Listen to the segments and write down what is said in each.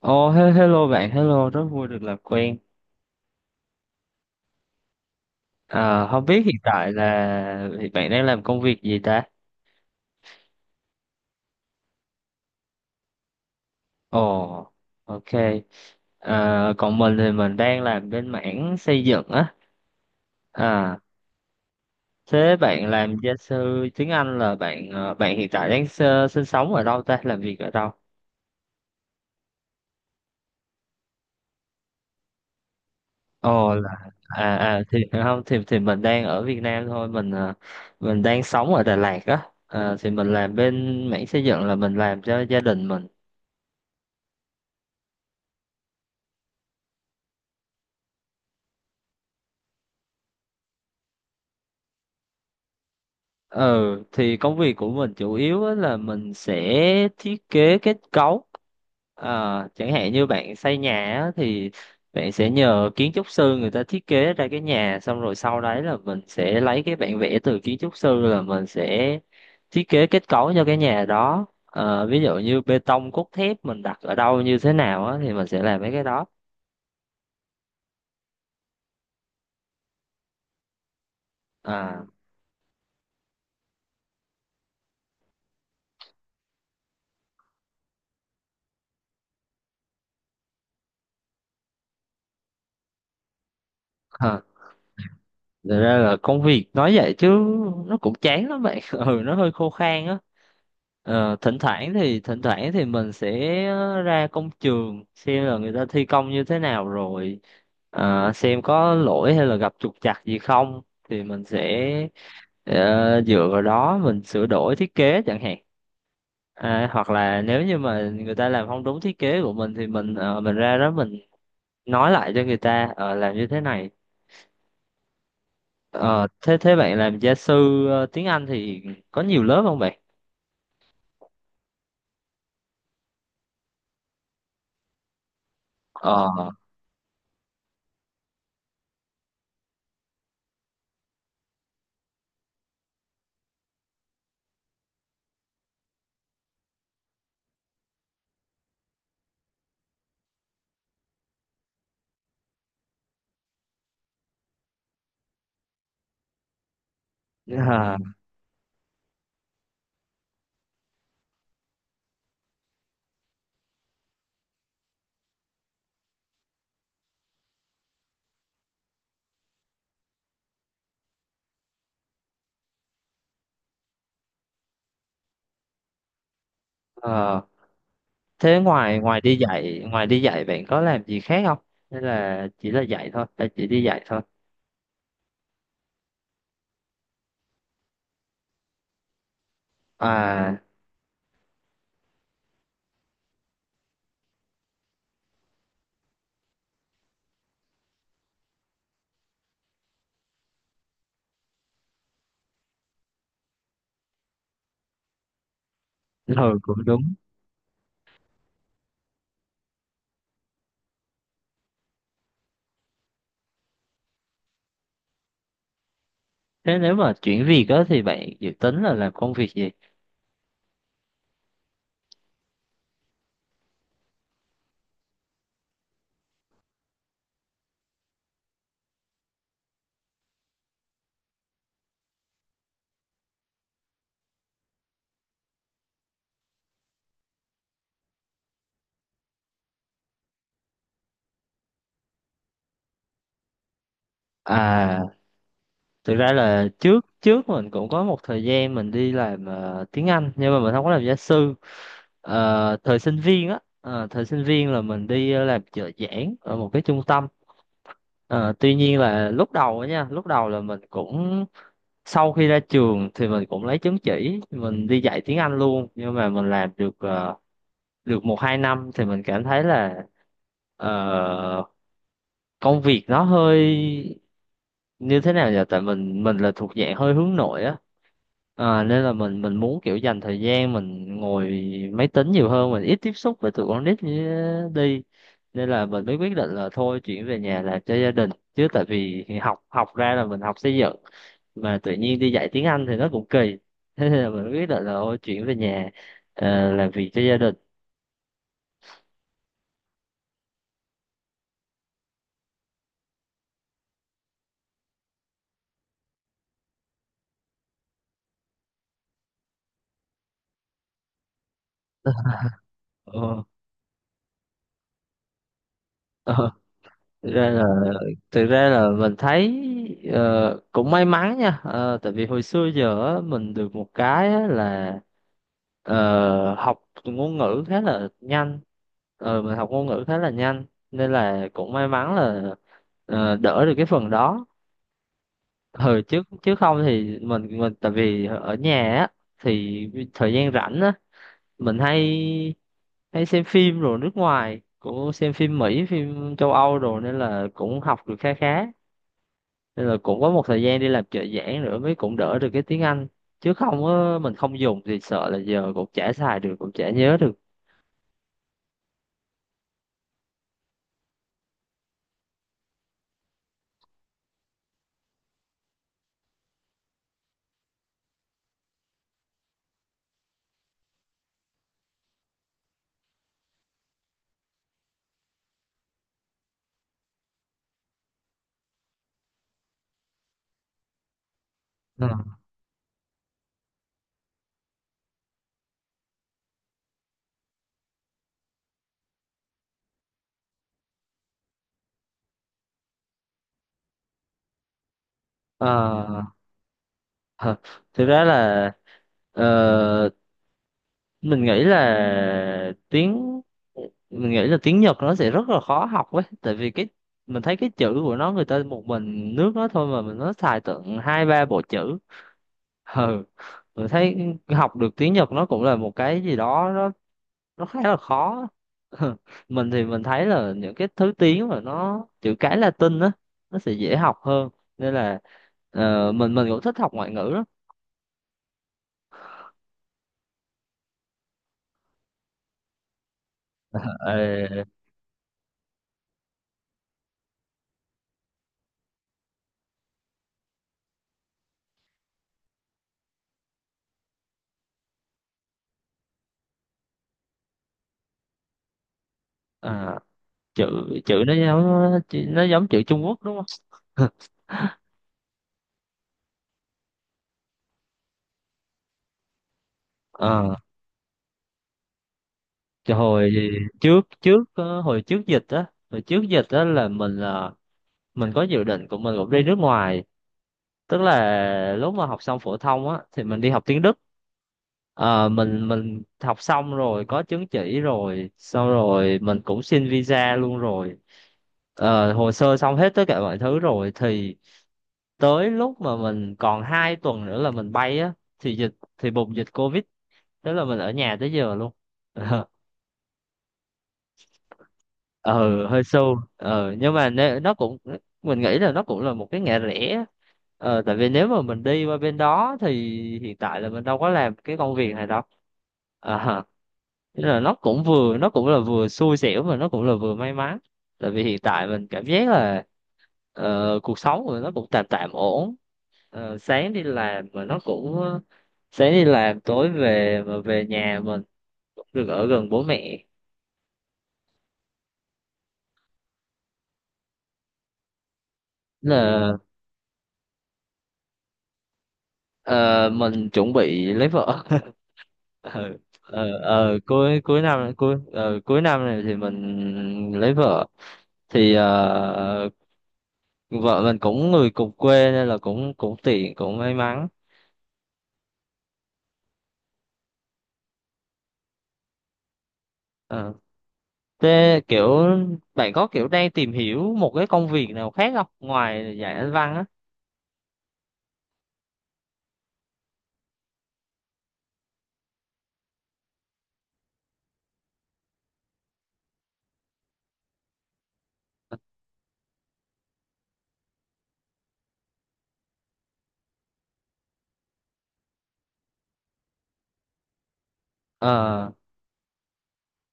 Ồ, hello bạn, hello, rất vui được làm quen. À, không biết hiện tại thì bạn đang làm công việc gì ta? Ồ, ok. À, còn mình thì mình đang làm bên mảng xây dựng á. À, thế bạn làm gia sư tiếng Anh là bạn hiện tại đang sinh sống ở đâu ta? Làm việc ở đâu? Ồ là à à thì không thì thì Mình đang ở Việt Nam thôi, mình đang sống ở Đà Lạt á. À, thì mình làm bên mảng xây dựng là mình làm cho gia đình mình. ờ thì công việc của mình chủ yếu á là mình sẽ thiết kế kết cấu. À, chẳng hạn như bạn xây nhà á, thì bạn sẽ nhờ kiến trúc sư người ta thiết kế ra cái nhà, xong rồi sau đấy là mình sẽ lấy cái bản vẽ từ kiến trúc sư là mình sẽ thiết kế kết cấu cho cái nhà đó. Ờ, ví dụ như bê tông cốt thép mình đặt ở đâu như thế nào á, thì mình sẽ làm mấy cái đó. À ha. Thật ra là công việc nói vậy chứ nó cũng chán lắm bạn, ừ, nó hơi khô khan á. Ờ, thỉnh thoảng thì mình sẽ ra công trường xem là người ta thi công như thế nào rồi, xem có lỗi hay là gặp trục trặc gì không, thì mình sẽ, dựa vào đó mình sửa đổi thiết kế chẳng hạn. À, hoặc là nếu như mà người ta làm không đúng thiết kế của mình thì mình ra đó mình nói lại cho người ta, làm như thế này. Ờ, thế thế bạn làm gia sư tiếng Anh thì có nhiều lớp không bạn? Ờ, à, thế ngoài ngoài đi dạy bạn có làm gì khác không? Hay là chỉ là dạy thôi, hay chỉ đi dạy thôi. À, ừ, cũng đúng. Thế nếu mà chuyển việc đó thì bạn dự tính là làm công việc gì? À, thực ra là trước trước mình cũng có một thời gian mình đi làm tiếng Anh nhưng mà mình không có làm gia sư. Ờ, thời sinh viên á, thời sinh viên là mình đi làm trợ giảng ở một cái trung tâm. Ờ, tuy nhiên là lúc đầu á nha, lúc đầu là mình cũng, sau khi ra trường thì mình cũng lấy chứng chỉ mình đi dạy tiếng Anh luôn, nhưng mà mình làm được một hai năm thì mình cảm thấy là, ờ, công việc nó hơi như thế nào nhỉ, tại mình là thuộc dạng hơi hướng nội á. Ờ, nên là mình muốn kiểu dành thời gian mình ngồi máy tính nhiều hơn, mình ít tiếp xúc với tụi con nít như đi. Nên là mình mới quyết định là thôi chuyển về nhà làm cho gia đình, chứ tại vì học, học ra là mình học xây dựng mà tự nhiên đi dạy tiếng Anh thì nó cũng kỳ. Thế nên là mình quyết định là thôi chuyển về nhà, làm việc cho gia đình. Ờ, ờ, thực ra là thực ra là mình thấy, cũng may mắn nha. Ờ, tại vì hồi xưa giờ á, mình được một cái á là, học ngôn ngữ khá là nhanh. Ờ, mình học ngôn ngữ khá là nhanh, nên là cũng may mắn là, đỡ được cái phần đó. Ừ, chứ chứ không thì mình, tại vì ở nhà á, thì thời gian rảnh á mình hay hay xem phim, rồi nước ngoài cũng xem phim Mỹ phim châu Âu rồi, nên là cũng học được khá khá. Nên là cũng có một thời gian đi làm trợ giảng nữa mới cũng đỡ được cái tiếng Anh, chứ không á, mình không dùng thì sợ là giờ cũng chả xài được cũng chả nhớ được. Ừ. Ờ, hờ, thực ra là, ờ, mình nghĩ là tiếng mình nghĩ là tiếng Nhật nó sẽ rất là khó học ấy, tại vì mình thấy cái chữ của nó, người ta một mình nước nó thôi mà mình nó xài tận hai ba bộ chữ. Ừ, mình thấy học được tiếng Nhật nó cũng là một cái gì đó, nó khá là khó. Mình thì mình thấy là những cái thứ tiếng mà nó chữ cái Latin á, nó sẽ dễ học hơn. Nên là, mình cũng thích học ngoại ngữ lắm. Ờ, à, chữ chữ nó giống chữ Trung Quốc đúng không? Ờ, cái hồi trước trước hồi trước dịch á, là mình có dự định của mình cũng đi nước ngoài, tức là lúc mà học xong phổ thông á thì mình đi học tiếng Đức. Ờ, mình học xong rồi có chứng chỉ rồi, xong rồi mình cũng xin visa luôn rồi. Ờ, hồ sơ xong hết tất cả mọi thứ rồi, thì tới lúc mà mình còn 2 tuần nữa là mình bay á, thì dịch thì bùng dịch covid. Tức là mình ở nhà tới giờ luôn. ờ ừ, hơi sâu, nhưng mà nó cũng, mình nghĩ là nó cũng là một cái ngã rẽ. Tại vì nếu mà mình đi qua bên đó thì hiện tại là mình đâu có làm cái công việc này đâu. ờ Thế là nó cũng vừa, nó cũng là vừa xui xẻo mà nó cũng là vừa may mắn. Tại vì hiện tại mình cảm giác là, ờ, cuộc sống của nó cũng tạm tạm ổn. Ờ, sáng đi làm tối về, mà về nhà mình cũng được ở gần bố mẹ. Là, ờ, mình chuẩn bị lấy vợ. Ờ, cuối cuối năm cuối ờ, cuối năm này thì mình lấy vợ. Thì, vợ mình cũng người cùng quê nên là cũng cũng tiện, may mắn. Ờ. Thế kiểu bạn có kiểu đang tìm hiểu một cái công việc nào khác không, ngoài dạy anh văn á? Ờ,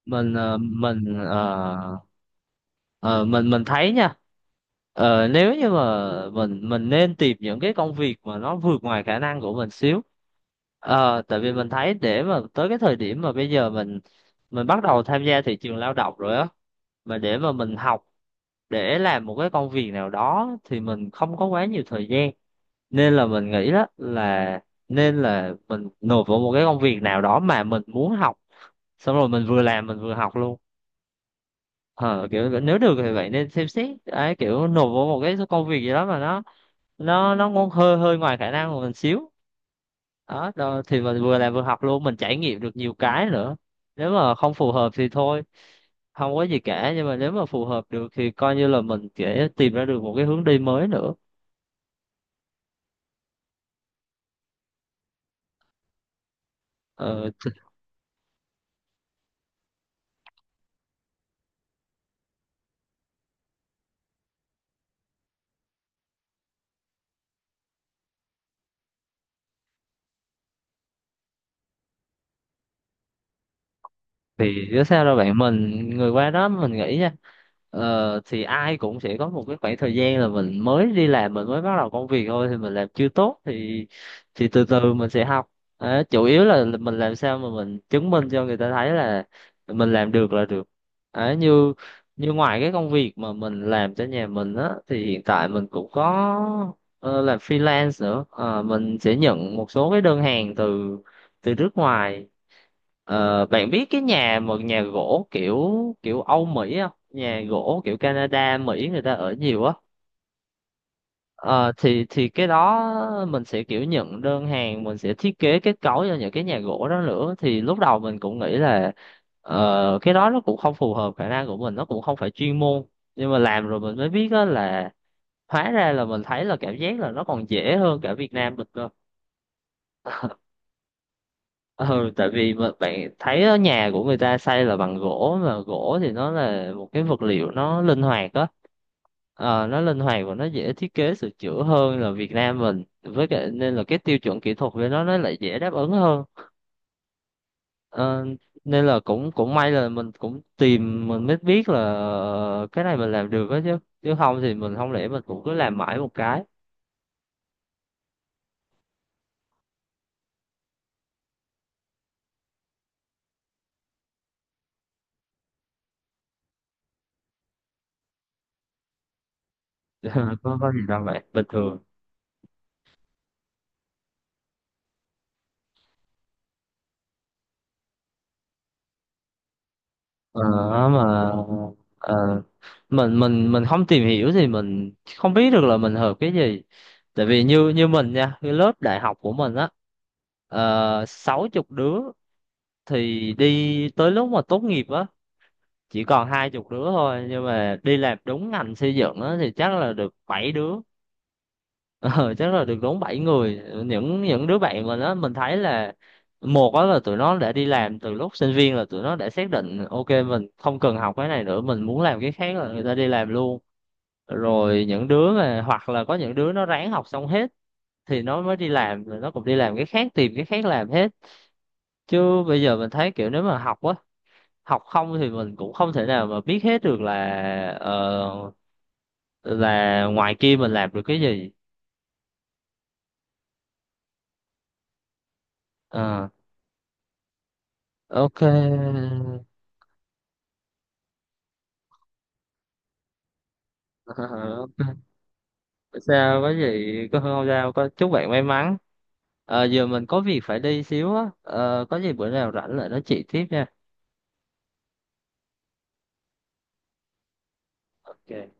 mình ờ, mình ờ, mình thấy nha, nếu như mà mình nên tìm những cái công việc mà nó vượt ngoài khả năng của mình xíu. Tại vì mình thấy để mà tới cái thời điểm mà bây giờ mình bắt đầu tham gia thị trường lao động rồi á, mà để mà mình học để làm một cái công việc nào đó thì mình không có quá nhiều thời gian. Nên là mình nghĩ đó là nên là mình nộp vào một cái công việc nào đó mà mình muốn học, xong rồi mình vừa làm mình vừa học luôn. Ờ Kiểu nếu được thì vậy, nên xem xét ấy, kiểu nộp vào một cái công việc gì đó mà nó ngon, hơi hơi ngoài khả năng của mình xíu. Đó, đó thì mình vừa làm vừa học luôn, mình trải nghiệm được nhiều cái nữa. Nếu mà không phù hợp thì thôi, không có gì cả, nhưng mà nếu mà phù hợp được thì coi như là mình sẽ tìm ra được một cái hướng đi mới nữa. ờ, thì chứ sao đâu bạn, mình người qua đó mình nghĩ nha, thì ai cũng sẽ có một cái khoảng thời gian là mình mới đi làm, mình mới bắt đầu công việc thôi, thì mình làm chưa tốt thì từ từ mình sẽ học. Đó, chủ yếu là mình làm sao mà mình chứng minh cho người ta thấy là mình làm được là được. Đó, như như ngoài cái công việc mà mình làm cho nhà mình á, thì hiện tại mình cũng có, làm freelance nữa. Ờ, mình sẽ nhận một số cái đơn hàng từ, từ nước ngoài. Ờ, bạn biết cái một nhà gỗ kiểu kiểu Âu Mỹ không? Nhà gỗ kiểu Canada, Mỹ người ta ở nhiều á. Ờ, thì cái đó mình sẽ kiểu nhận đơn hàng, mình sẽ thiết kế kết cấu cho những cái nhà gỗ đó nữa. Thì lúc đầu mình cũng nghĩ là, cái đó nó cũng không phù hợp khả năng của mình, nó cũng không phải chuyên môn. Nhưng mà làm rồi mình mới biết á, là hóa ra là mình thấy, là cảm giác là nó còn dễ hơn cả Việt Nam mình cơ. Ừ, tại vì mà bạn thấy ở nhà của người ta xây là bằng gỗ, mà gỗ thì nó là một cái vật liệu nó linh hoạt á. Ờ, nó linh hoạt và nó dễ thiết kế sửa chữa hơn là Việt Nam mình, với cả nên là cái tiêu chuẩn kỹ thuật của nó lại dễ đáp ứng hơn. Ờ, nên là cũng cũng may là mình cũng tìm, mình mới biết là, cái này mình làm được á, chứ chứ không thì mình, không lẽ mình cũng cứ làm mãi một cái. Có gì đâu vậy, bình thường. Ờ, mà, ờ, mình không tìm hiểu thì mình không biết được là mình hợp cái gì. Tại vì như như mình nha, cái lớp đại học của mình á, 60 đứa, thì đi tới lúc mà tốt nghiệp á chỉ còn 20 đứa thôi, nhưng mà đi làm đúng ngành xây dựng á thì chắc là được bảy đứa. Ờ Chắc là được đúng 7 người. Những đứa bạn mà nó mình thấy là, một đó là tụi nó đã đi làm từ lúc sinh viên, là tụi nó đã xác định ok mình không cần học cái này nữa, mình muốn làm cái khác là người ta đi làm luôn. Rồi những đứa mà, hoặc là có những đứa nó ráng học xong hết thì nó mới đi làm, rồi nó cũng đi làm cái khác, tìm cái khác làm hết. Chứ bây giờ mình thấy kiểu nếu mà học á, học không thì mình cũng không thể nào mà biết hết được là, ờ, là ngoài kia mình làm được cái gì. Ờ, ok. Ờ, sao có gì, có không sao, có chúc bạn may mắn. Ờ, giờ mình có việc phải đi xíu á. Ờ, có gì bữa nào rảnh lại nói chuyện tiếp nha. Ok.